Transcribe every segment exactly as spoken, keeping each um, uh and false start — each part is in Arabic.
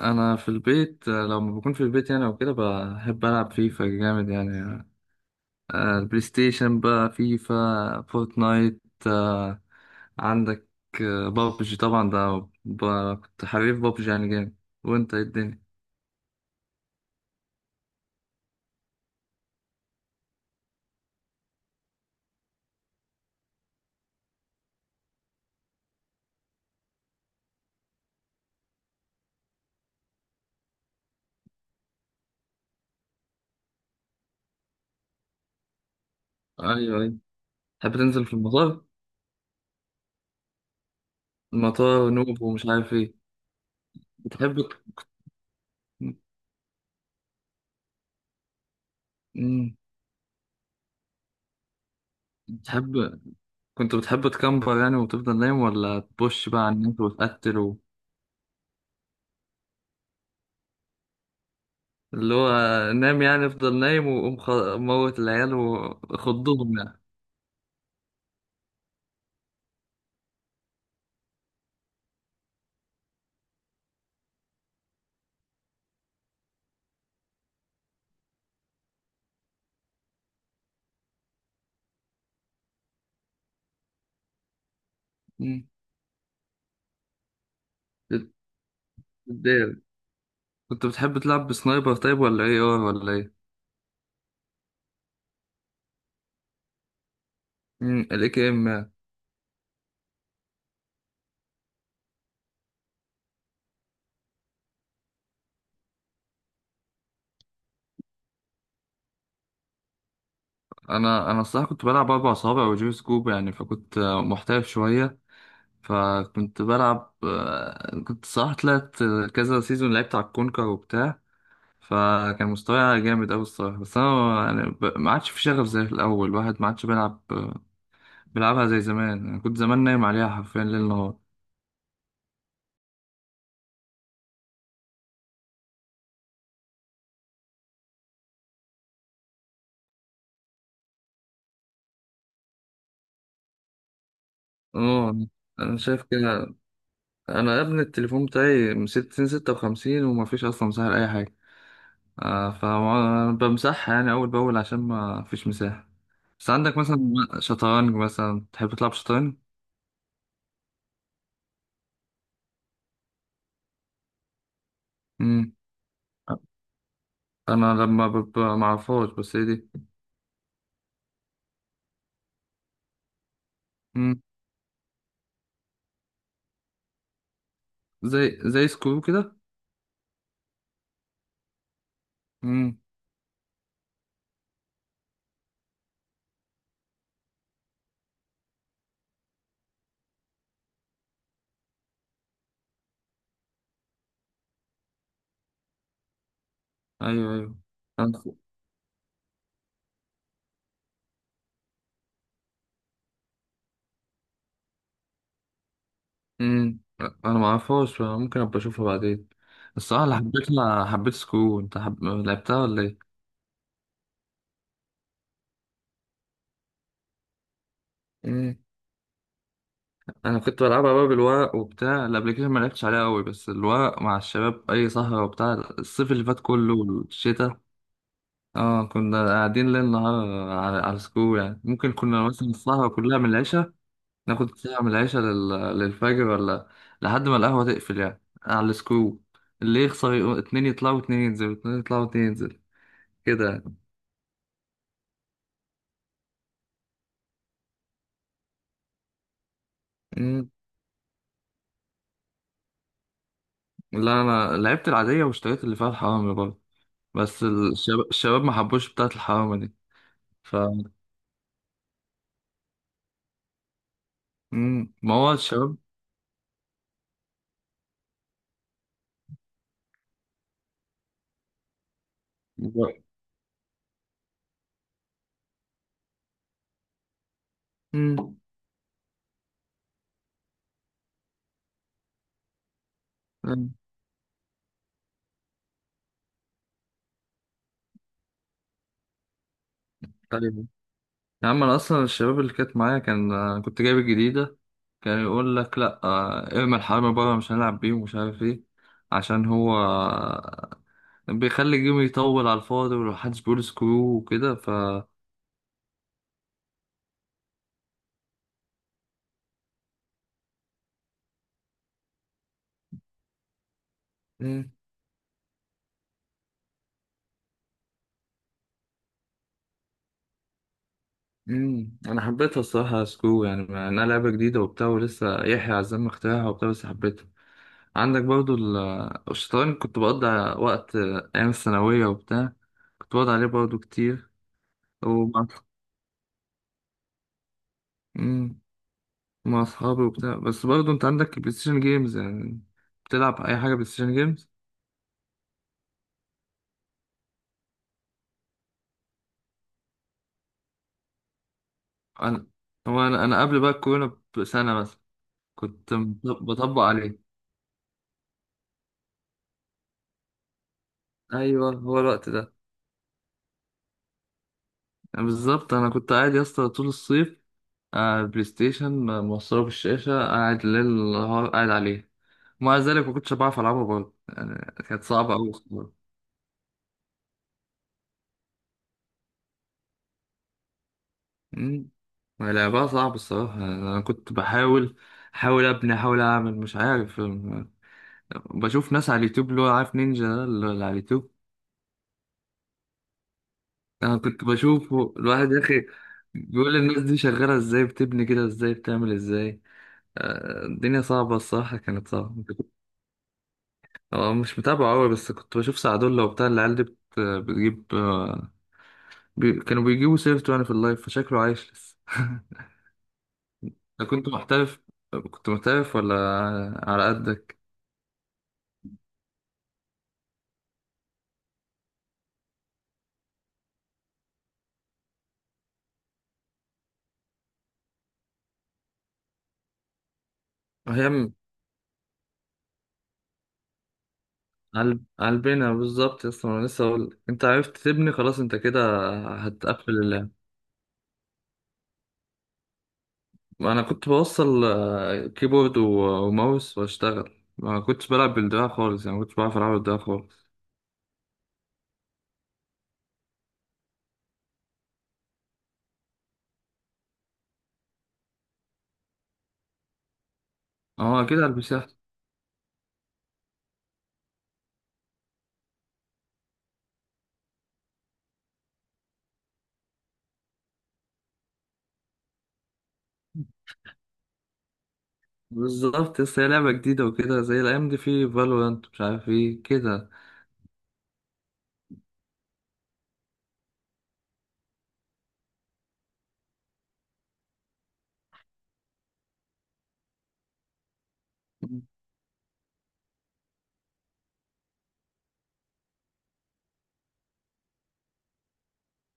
انا في البيت، آه، لما بكون في البيت يعني وكده بحب العب فيفا جامد يعني. آه، البلاي ستيشن بقى، فيفا، فورتنايت. آه، عندك. آه، بابجي طبعا ده ب- كنت حريف بابجي يعني جامد. وانت ايه الدنيا؟ ايوه، ايوه. تحب تنزل في المطار؟ المطار نوب ومش عارف ايه. بتحب. مم. بتحب، كنت بتحب تكمبر يعني وتفضل نايم، ولا تبش بقى على النت وتقتل؟ اللي هو، نام يعني افضل نايم وقوم خ- موت العيال وخضهم يعني. مم. بتضايق. كنت بتحب تلعب بسنايبر طيب، ولا ايه ار، ولا ايه؟ امم الاي كي ام. انا انا الصراحه كنت بلعب اربع صوابع وجيم سكوب يعني، فكنت آه، محترف شويه. فكنت بلعب، آه، كنت صراحه طلعت آه، كذا سيزون لعبت على الكونكر وبتاع. فكان مستواي جامد قوي الصراحه، بس انا يعني ب- ما عادش في شغف زي الاول. الواحد ما عادش بيلعب آه، بيلعبها زي زمان يعني. كنت زمان نايم عليها حرفيا ليل نهار. اه، انا شايف كده. انا يا ابني، التليفون بتاعي من ستين، ستة وخمسين، وما فيش اصلا مساحة لأي حاجة. آه فبمسحها يعني اول باول عشان ما فيش مساحة. بس عندك مثلا، شطرنج مثلا، تحب تلعب شطرنج؟ امم انا لما ببقى معرفهاش، بس هي دي. امم. زي زي سكرو كده. امم. ايوه، ايوه. انا امم انا معرفهاش، ممكن ابقى اشوفها بعدين. الصراحة اللي حبيتها، حبيت سكرو. انت حب... لعبتها ولا ايه؟ انا كنت بلعبها بقى بالورق وبتاع، الابلكيشن ما لعبتش عليها قوي، بس الورق مع الشباب اي سهره وبتاع. الصيف اللي فات كله والشتاء. اه، كنا قاعدين ليل نهار على, على سكول يعني. ممكن كنا مثلا السهره كلها من العشاء، ناخد ساعه من العشاء لل... للفجر، ولا لحد ما القهوه تقفل يعني على السكول. اللي يخسر يقو- اتنين يطلعوا واتنين ينزلوا، اتنين يطلعوا واتنين ينزلوا، كده يعني. مم. لا، انا لعبت العاديه واشتريت اللي فيها الحرامي برضه، بس الشباب الشباب ما حبوش بتاعه الحرامي. دي. مم. ما هو الشباب. مم. مم. طيب. يا عم انا اصلا الشباب اللي كانت معايا كان، آه، كنت جايب الجديده، كان يقول لك لا، آه، ارمي الحرامي بره، مش هنلعب بيه ومش عارف ايه. عشان هو آه، بيخلي الجيم يطول على الفاضي، ومحدش بيقول سكرو وكده ف. مم. مم. انا حبيتها الصراحه سكرو يعني، ما- انها لعبه جديده وبتاع، ولسه يحيى عزام اخترعها وبتاع، بس حبيتها. عندك برضو ال- الشطرنج، كنت بقضي وقت أيام الثانوية وبتاع، كنت بقعد عليه برضو كتير. ومع. مم. مع أصحابي وبتاع، بس برضو أنت عندك بلاي ستيشن جيمز يعني. بتلعب أي حاجة بلاي ستيشن جيمز؟ أنا. هو أنا أنا قبل بقى الكورونا بسنة مثلا كنت بط- بطبق عليه. أيوه، هو الوقت ده يعني. بالظبط، أنا كنت قاعد يا اسطى طول الصيف، آه بلاي ستيشن موصله بالشاشة، قاعد ليل نهار قاعد عليه. ومع ذلك ما كنتش بعرف ألعبها برضه يعني، كانت صعبة أوي الصراحة. أمم. لعبها صعب الصراحة يعني، أنا كنت بحاول، أحاول أبني، أحاول أعمل مش عارف أم- بشوف ناس على اليوتيوب اللي هو، عارف نينجا ده اللي على اليوتيوب. أنا كنت بشوفه الواحد يا أخي، بيقول الناس دي شغالة إزاي، بتبني كده إزاي، بتعمل إزاي. آه، الدنيا صعبة الصراحة، كانت صعبة. اه، مش متابعه قوي، بس كنت بشوف سعدولة وبتاع العيال دي بت... بتجيب آه، بي... كانوا بيجيبوا سيرته يعني في اللايف، فشكله عايش لسه أنا كنت محترف. كنت محترف ولا على قدك؟ هي م- عل... علبنا بالظبط يا اسطى. انا لسه اقول لك، انت عرفت تبني خلاص، انت كده هتقفل اللعب. انا كنت بوصل آه، كيبورد و- وماوس واشتغل. ما كنتش بلعب بالدراع خالص يعني، ما كنتش بعرف العب بالدراع خالص. اه، اكيد على البي سي. بالظبط، لسه هي لعبة جديدة وكده، زي الأيام دي في فالورانت، مش عارف ايه كده.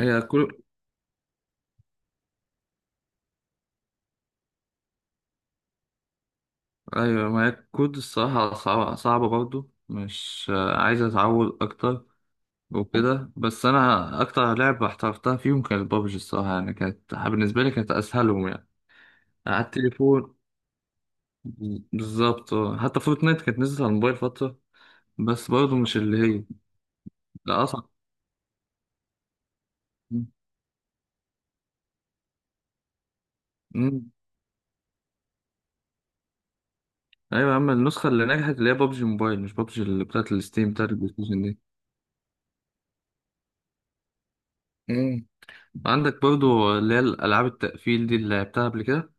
هي كل أيوة، ما هي كود الصراحة صعبة، صعبة برضو، مش آه، عايز أتعود أكتر. وكده. بس أنا أكتر لعبة احترفتها فيهم كانت بابجي الصراحة يعني، كانت بالنسبة لي كانت أسهلهم يعني. على التليفون بالظبط. آه. حتى فورتنايت كانت نزلت على الموبايل فترة، بس برضو مش اللي هي. لا، أصعب. مم. أيوة يا عم، النسخة اللي نجحت اللي هي بابجي موبايل، مش بابجي اللي بتاعت الستيم بتاعت البلاي ستيشن. مم. عندك برضو اللي هي الألعاب التقفيل دي اللي لعبتها قبل كده.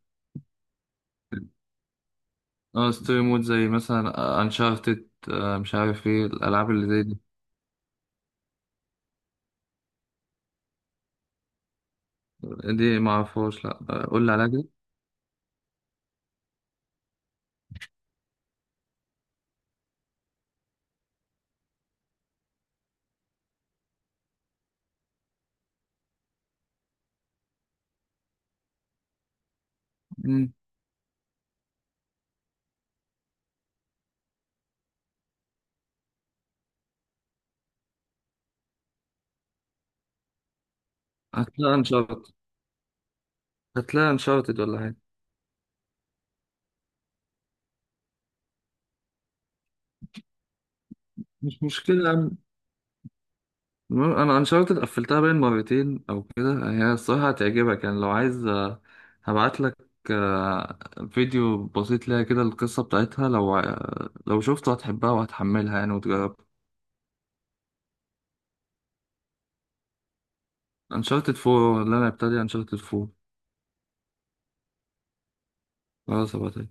اه، ستوري مود، زي مثلا انشارتد، مش عارف ايه الألعاب اللي زي دي. دي معرفهاش لأ، آه، قول لي عليها كده. مم. هتلاقي انشارتد هتلاقي انشارتد ولا حاجة. مش مشكلة يا عم. المهم أنا انشارتد قفلتها باين مرتين أو كده، هي الصراحة هتعجبك يعني، لو عايز آه، هبعتلك آه، فيديو بسيط ليها كده، القصة بتاعتها لو آه، لو شفته هتحبها وهتحملها يعني وتجربها. انشارتد أربعة اللي انا ابتدي انشارتد أربعة. خلاص ابقى